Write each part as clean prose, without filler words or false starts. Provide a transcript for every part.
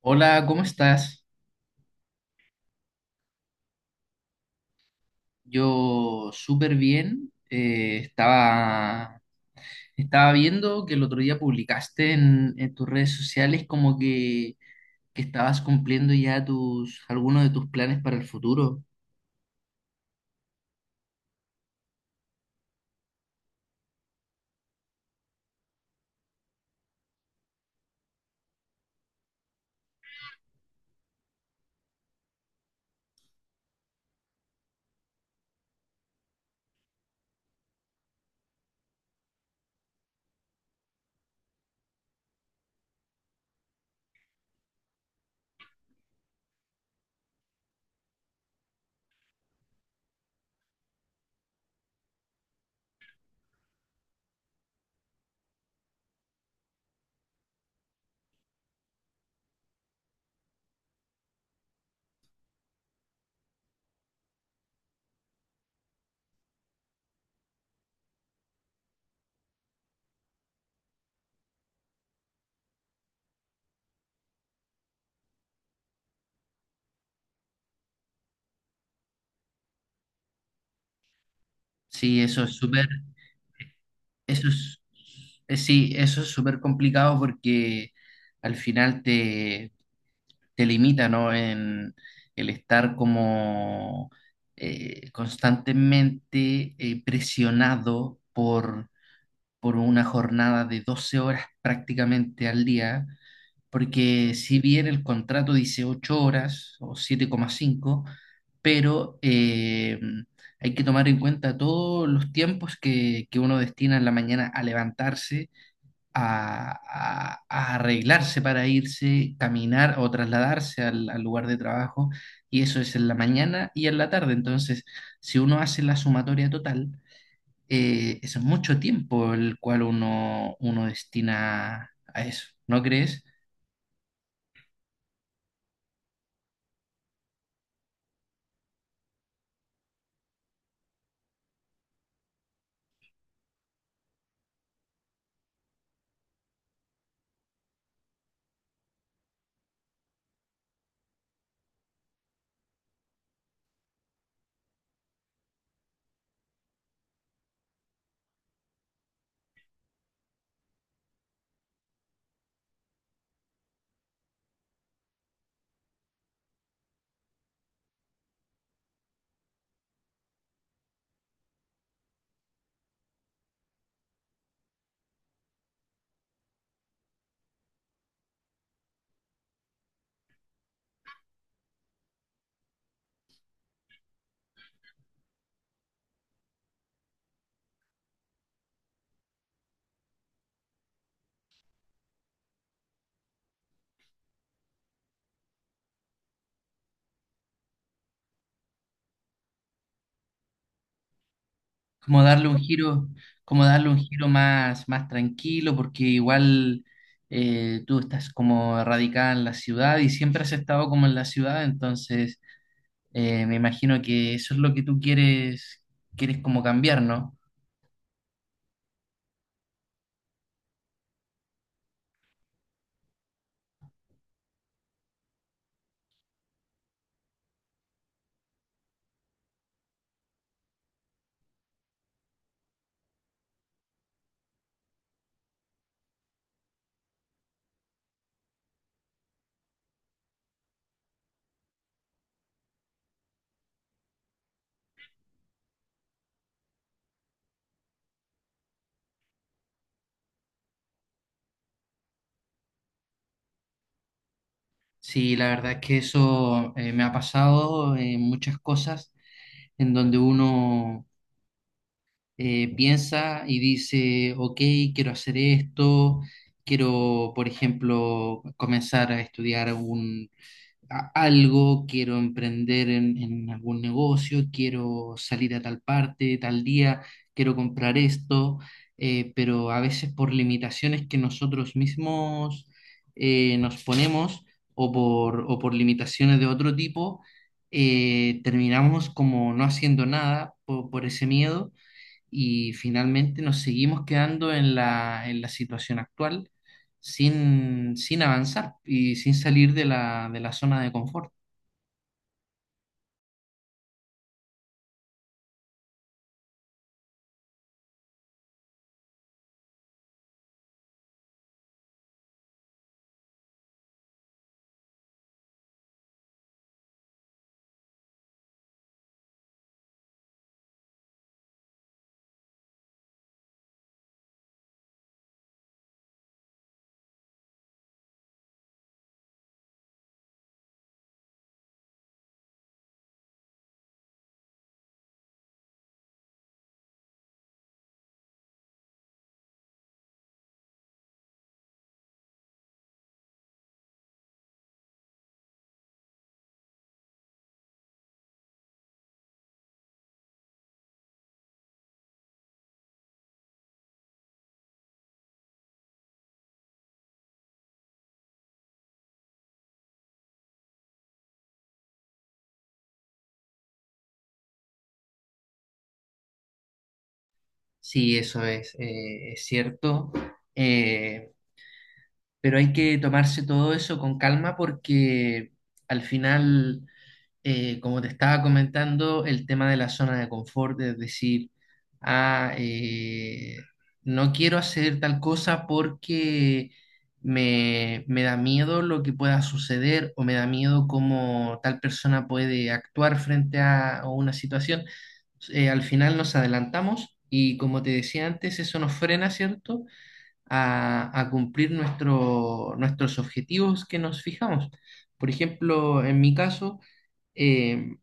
Hola, ¿cómo estás? Yo súper bien. Estaba viendo que el otro día publicaste en tus redes sociales que estabas cumpliendo ya algunos de tus planes para el futuro. Sí, eso es súper, eso es, sí, eso es súper complicado porque al final te limita, ¿no? En el estar como constantemente presionado por una jornada de 12 horas prácticamente al día, porque si bien el contrato dice 8 horas o 7,5, pero hay que tomar en cuenta todos los tiempos que uno destina en la mañana a levantarse, a arreglarse para irse, caminar o trasladarse al lugar de trabajo, y eso es en la mañana y en la tarde. Entonces, si uno hace la sumatoria total, es mucho tiempo el cual uno destina a eso, ¿no crees? Como darle un giro, como darle un giro más, más tranquilo, porque igual tú estás como radicada en la ciudad y siempre has estado como en la ciudad, entonces me imagino que eso es lo que tú quieres, quieres como cambiar, ¿no? Sí, la verdad es que eso me ha pasado en muchas cosas en donde uno piensa y dice, ok, quiero hacer esto, quiero, por ejemplo, comenzar a estudiar algo, quiero emprender en algún negocio, quiero salir a tal parte, tal día, quiero comprar esto, pero a veces por limitaciones que nosotros mismos nos ponemos o por limitaciones de otro tipo, terminamos como no haciendo nada por ese miedo y finalmente nos seguimos quedando en en la situación actual sin avanzar y sin salir de de la zona de confort. Sí, eso es cierto, eh, pero hay que tomarse todo eso con calma porque al final como te estaba comentando, el tema de la zona de confort, es decir, ah, eh, no quiero hacer tal cosa porque me da miedo lo que pueda suceder o me da miedo cómo tal persona puede actuar frente a una situación. Al final nos adelantamos y como te decía antes, eso nos frena, ¿cierto? A cumplir nuestros objetivos que nos fijamos. Por ejemplo, en mi caso, eh,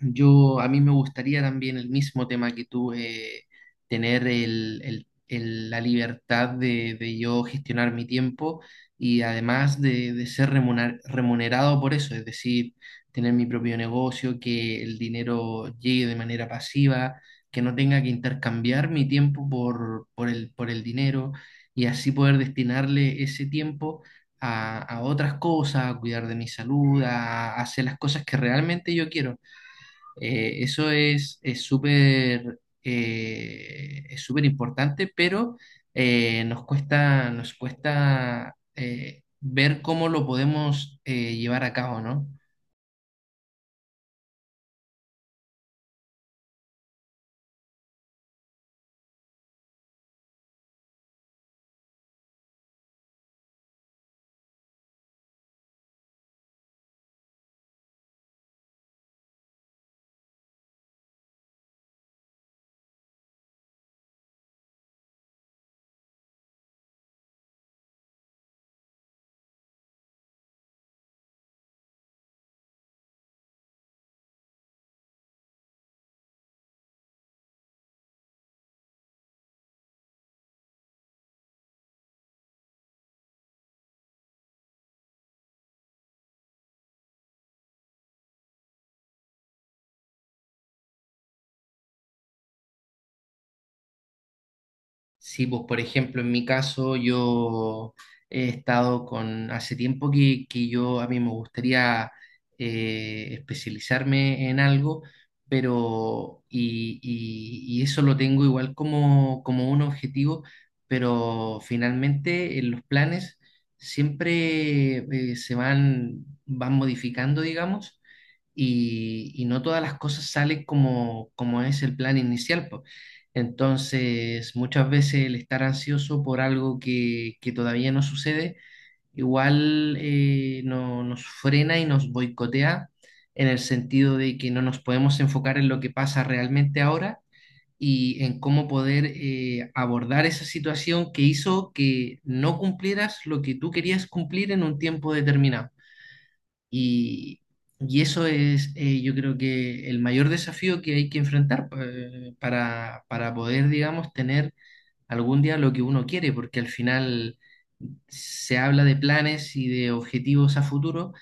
a mí me gustaría también el mismo tema que tú, tener la libertad de yo gestionar mi tiempo y además de ser remunerado por eso, es decir, tener mi propio negocio, que el dinero llegue de manera pasiva, que no tenga que intercambiar mi tiempo por el dinero y así poder destinarle ese tiempo a otras cosas, a cuidar de mi salud, a hacer las cosas que realmente yo quiero. Eso es súper importante, pero nos cuesta ver cómo lo podemos llevar a cabo, ¿no? Sí, pues por ejemplo, en mi caso yo he estado con, hace tiempo que yo a mí me gustaría especializarme en algo, y eso lo tengo igual como, como un objetivo, pero finalmente en los planes siempre van modificando, digamos y no todas las cosas salen como, como es el plan inicial, po. Entonces, muchas veces el estar ansioso por algo que todavía no sucede, igual nos frena y nos boicotea en el sentido de que no nos podemos enfocar en lo que pasa realmente ahora y en cómo poder abordar esa situación que hizo que no cumplieras lo que tú querías cumplir en un tiempo determinado. Y, y eso es, yo creo que el mayor desafío que hay que enfrentar para poder, digamos, tener algún día lo que uno quiere, porque al final se habla de planes y de objetivos a futuro,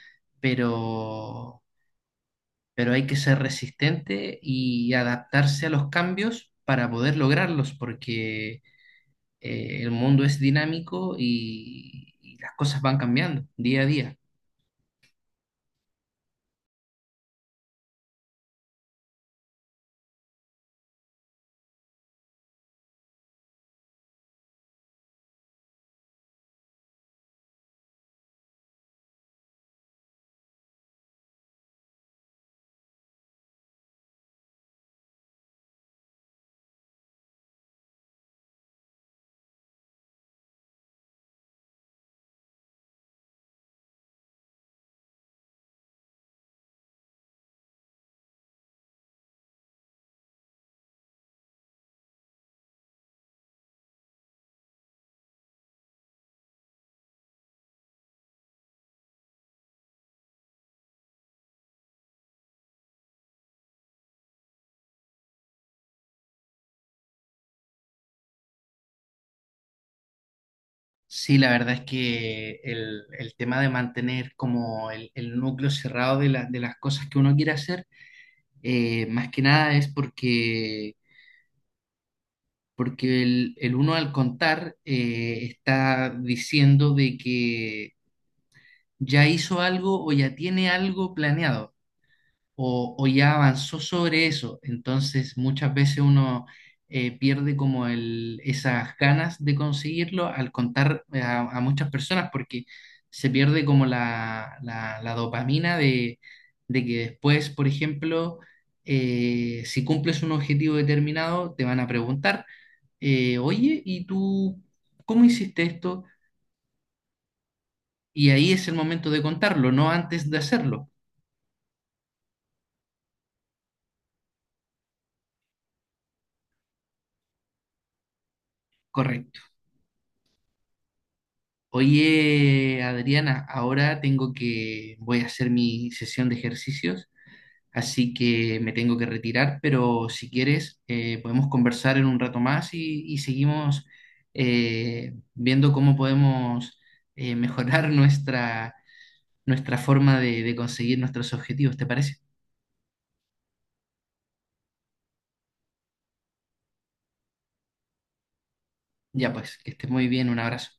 pero, pero hay que ser resistente y adaptarse a los cambios para poder lograrlos, porque el mundo es dinámico y las cosas van cambiando día a día. Sí, la verdad es que el tema de mantener como el núcleo cerrado de las cosas que uno quiere hacer, más que nada es porque, porque el uno al contar está diciendo de que ya hizo algo o ya tiene algo planeado. O o ya avanzó sobre eso. Entonces muchas veces uno pierde como el, esas ganas de conseguirlo al contar a muchas personas porque se pierde como la dopamina de que después, por ejemplo, si cumples un objetivo determinado, te van a preguntar, oye, ¿y tú cómo hiciste esto? Y ahí es el momento de contarlo, no antes de hacerlo. Correcto. Oye, Adriana, ahora tengo que, voy a hacer mi sesión de ejercicios, así que me tengo que retirar, pero si quieres, podemos conversar en un rato más y seguimos viendo cómo podemos mejorar nuestra, nuestra forma de conseguir nuestros objetivos, ¿te parece? Ya pues, que estés muy bien, un abrazo.